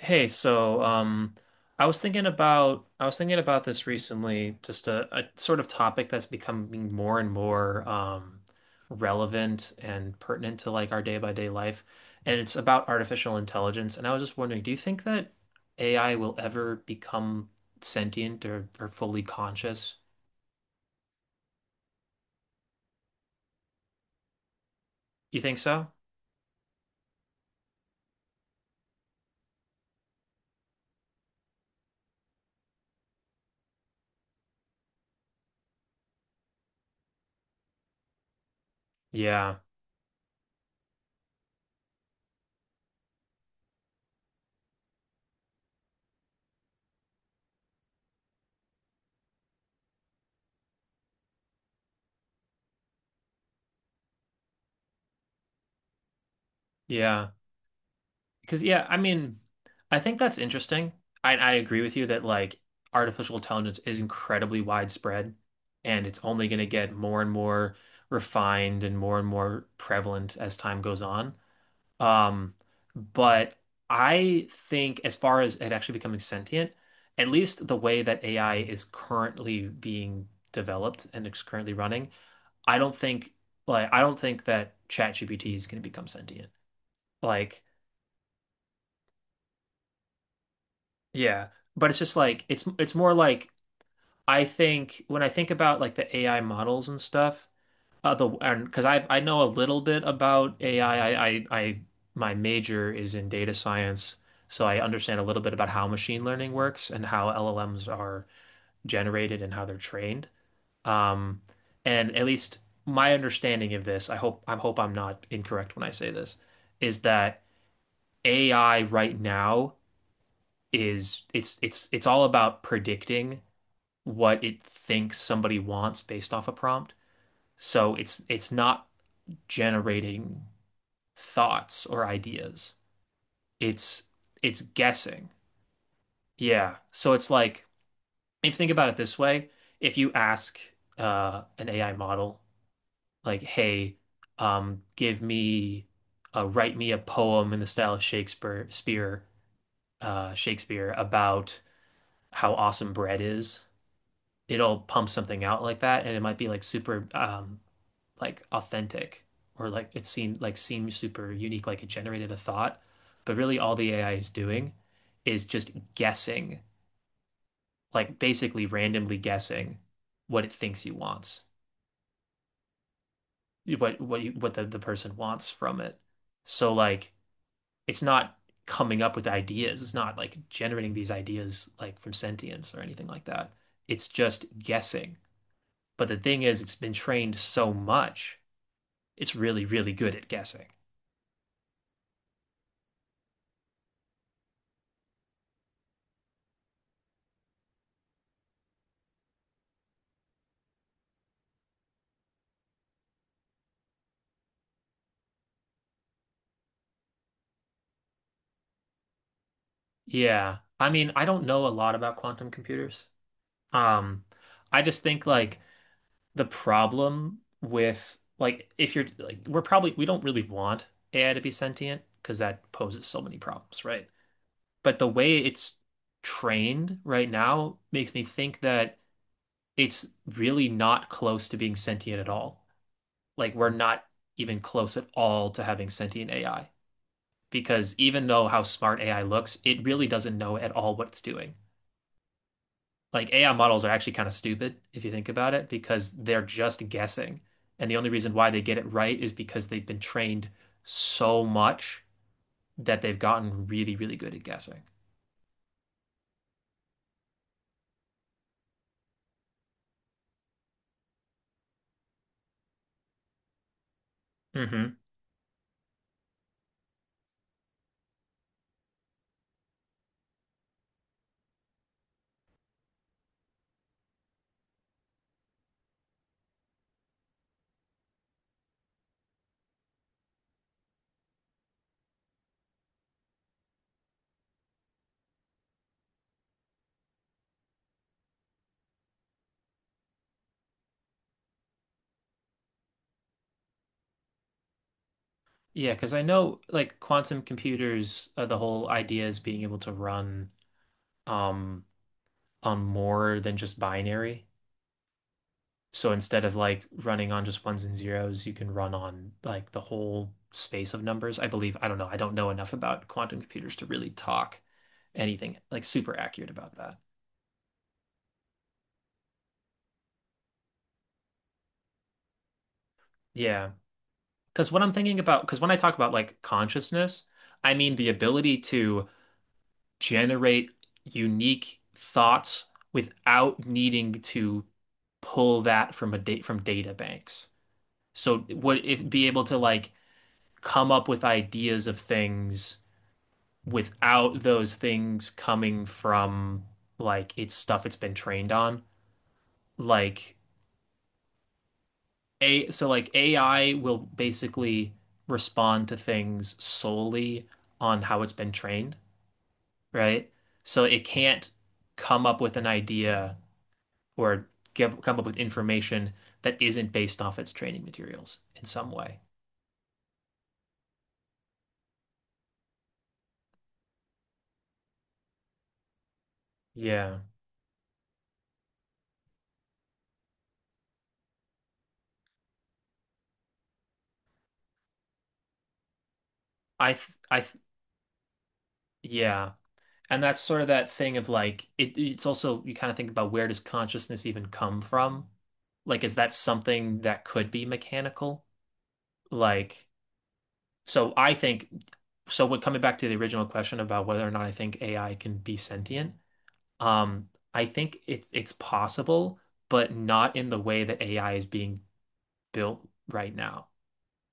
Hey, I was thinking about this recently, just a sort of topic that's becoming more and more relevant and pertinent to like our day by day life, and it's about artificial intelligence. And I was just wondering, do you think that AI will ever become sentient or fully conscious? You think so? Yeah, yeah. Because yeah, I mean, I think that's interesting. I agree with you that like artificial intelligence is incredibly widespread, and it's only going to get more and more refined and more prevalent as time goes on. Um, but I think as far as it actually becoming sentient, at least the way that AI is currently being developed and it's currently running, I don't think, I don't think that ChatGPT is going to become sentient. Like yeah, but it's just like it's more like I think when I think about like the AI models and stuff, the and because I know a little bit about AI. I, my major is in data science, so I understand a little bit about how machine learning works and how LLMs are generated and how they're trained. Um, and at least my understanding of this, I hope I'm not incorrect when I say this, is that AI right now is it's all about predicting what it thinks somebody wants based off a prompt. So it's not generating thoughts or ideas. It's it's guessing. Yeah. So it's like if you think about it this way, if you ask an AI model like, "Hey, give me write me a poem in the style of Shakespeare about how awesome bread is." It'll pump something out like that, and it might be like super like authentic, or like it seemed super unique, like it generated a thought. But really, all the AI is doing is just guessing, like basically randomly guessing what it thinks he wants, what you, what the person wants from it. So like it's not coming up with ideas. It's not like generating these ideas like from sentience or anything like that. It's just guessing. But the thing is, it's been trained so much, it's really, really good at guessing. Yeah. I mean, I don't know a lot about quantum computers. Um, I just think like the problem with like if you're like we're probably, we don't really want AI to be sentient because that poses so many problems, right? But the way it's trained right now makes me think that it's really not close to being sentient at all. Like we're not even close at all to having sentient AI, because even though how smart AI looks, it really doesn't know at all what it's doing. Like AI models are actually kind of stupid if you think about it, because they're just guessing. And the only reason why they get it right is because they've been trained so much that they've gotten really, really good at guessing. Hmm. Yeah, because I know like quantum computers, the whole idea is being able to run um on more than just binary. So instead of like running on just ones and zeros, you can run on like the whole space of numbers. I believe, I don't know enough about quantum computers to really talk anything like super accurate about that. Yeah. Because what I'm thinking about, because when I talk about like consciousness, I mean the ability to generate unique thoughts without needing to pull that from a date from data banks. So would if be able to like come up with ideas of things without those things coming from like it's stuff it's been trained on. Like A So like AI will basically respond to things solely on how it's been trained, right? So it can't come up with an idea or give come up with information that isn't based off its training materials in some way. Yeah. I th yeah. And that's sort of that thing of like it's also, you kind of think about, where does consciousness even come from? Like is that something that could be mechanical? Like so I think, so when coming back to the original question about whether or not I think AI can be sentient, I think it's possible, but not in the way that AI is being built right now.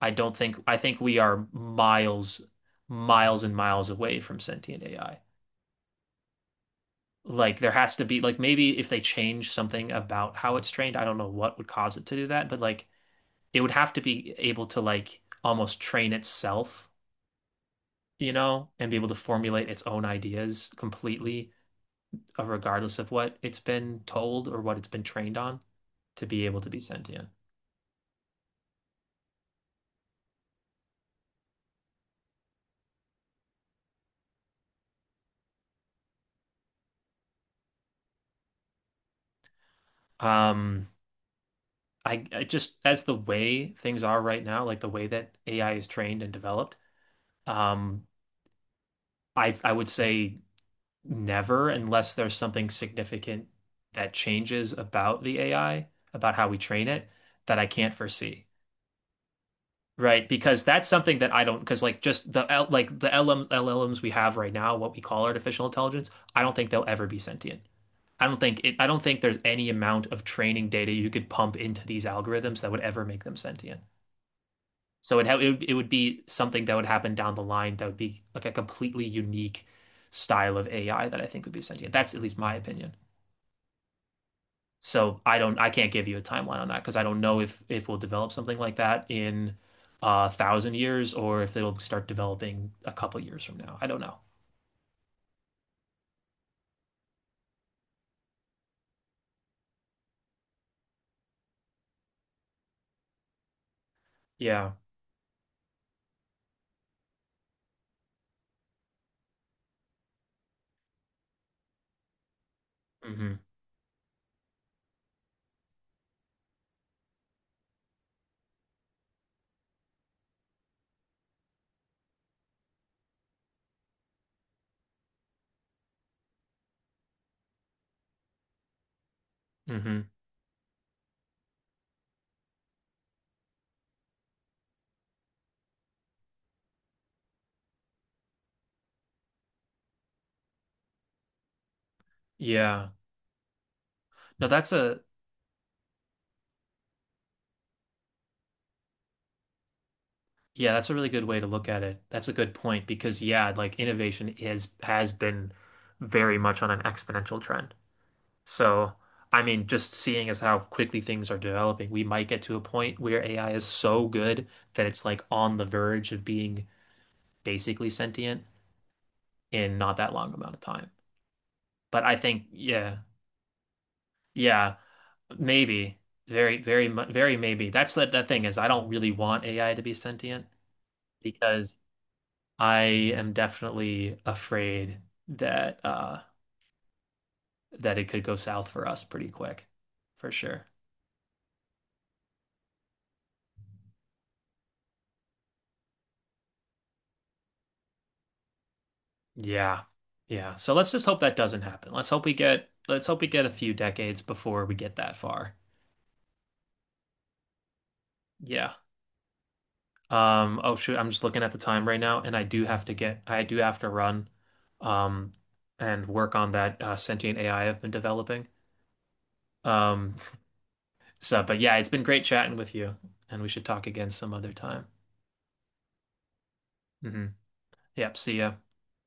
I don't think, I think we are miles, miles and miles away from sentient AI. Like there has to be like, maybe if they change something about how it's trained, I don't know what would cause it to do that, but like it would have to be able to like almost train itself, you know, and be able to formulate its own ideas completely, regardless of what it's been told or what it's been trained on, to be able to be sentient. Um, I just, as the way things are right now, like the way that AI is trained and developed, um, I would say never, unless there's something significant that changes about the AI, about how we train it, that I can't foresee. Right, because that's something that I don't, because like just the L, like the LM, LLMs we have right now, what we call artificial intelligence, I don't think they'll ever be sentient. I don't think it, I don't think there's any amount of training data you could pump into these algorithms that would ever make them sentient. So it would be something that would happen down the line that would be like a completely unique style of AI that I think would be sentient. That's at least my opinion. So I don't, I can't give you a timeline on that, because I don't know if we'll develop something like that in a thousand years, or if it'll start developing a couple years from now. I don't know. Yeah. Hmm. Hmm. Yeah. No, that's a yeah, that's a really good way to look at it. That's a good point because yeah, like innovation is has been very much on an exponential trend. So I mean, just seeing as how quickly things are developing, we might get to a point where AI is so good that it's like on the verge of being basically sentient in not that long amount of time. But I think, yeah, yeah, maybe, very maybe. That's the, that thing is, I don't really want AI to be sentient because I am definitely afraid that that it could go south for us pretty quick, for sure. Yeah, yeah. So let's just hope that doesn't happen. Let's hope we get a few decades before we get that far. Yeah. Oh shoot, I'm just looking at the time right now, and I do have to run, um, and work on that sentient AI I've been developing. Um, so, but yeah, it's been great chatting with you, and we should talk again some other time. Hmm. Yep, see ya.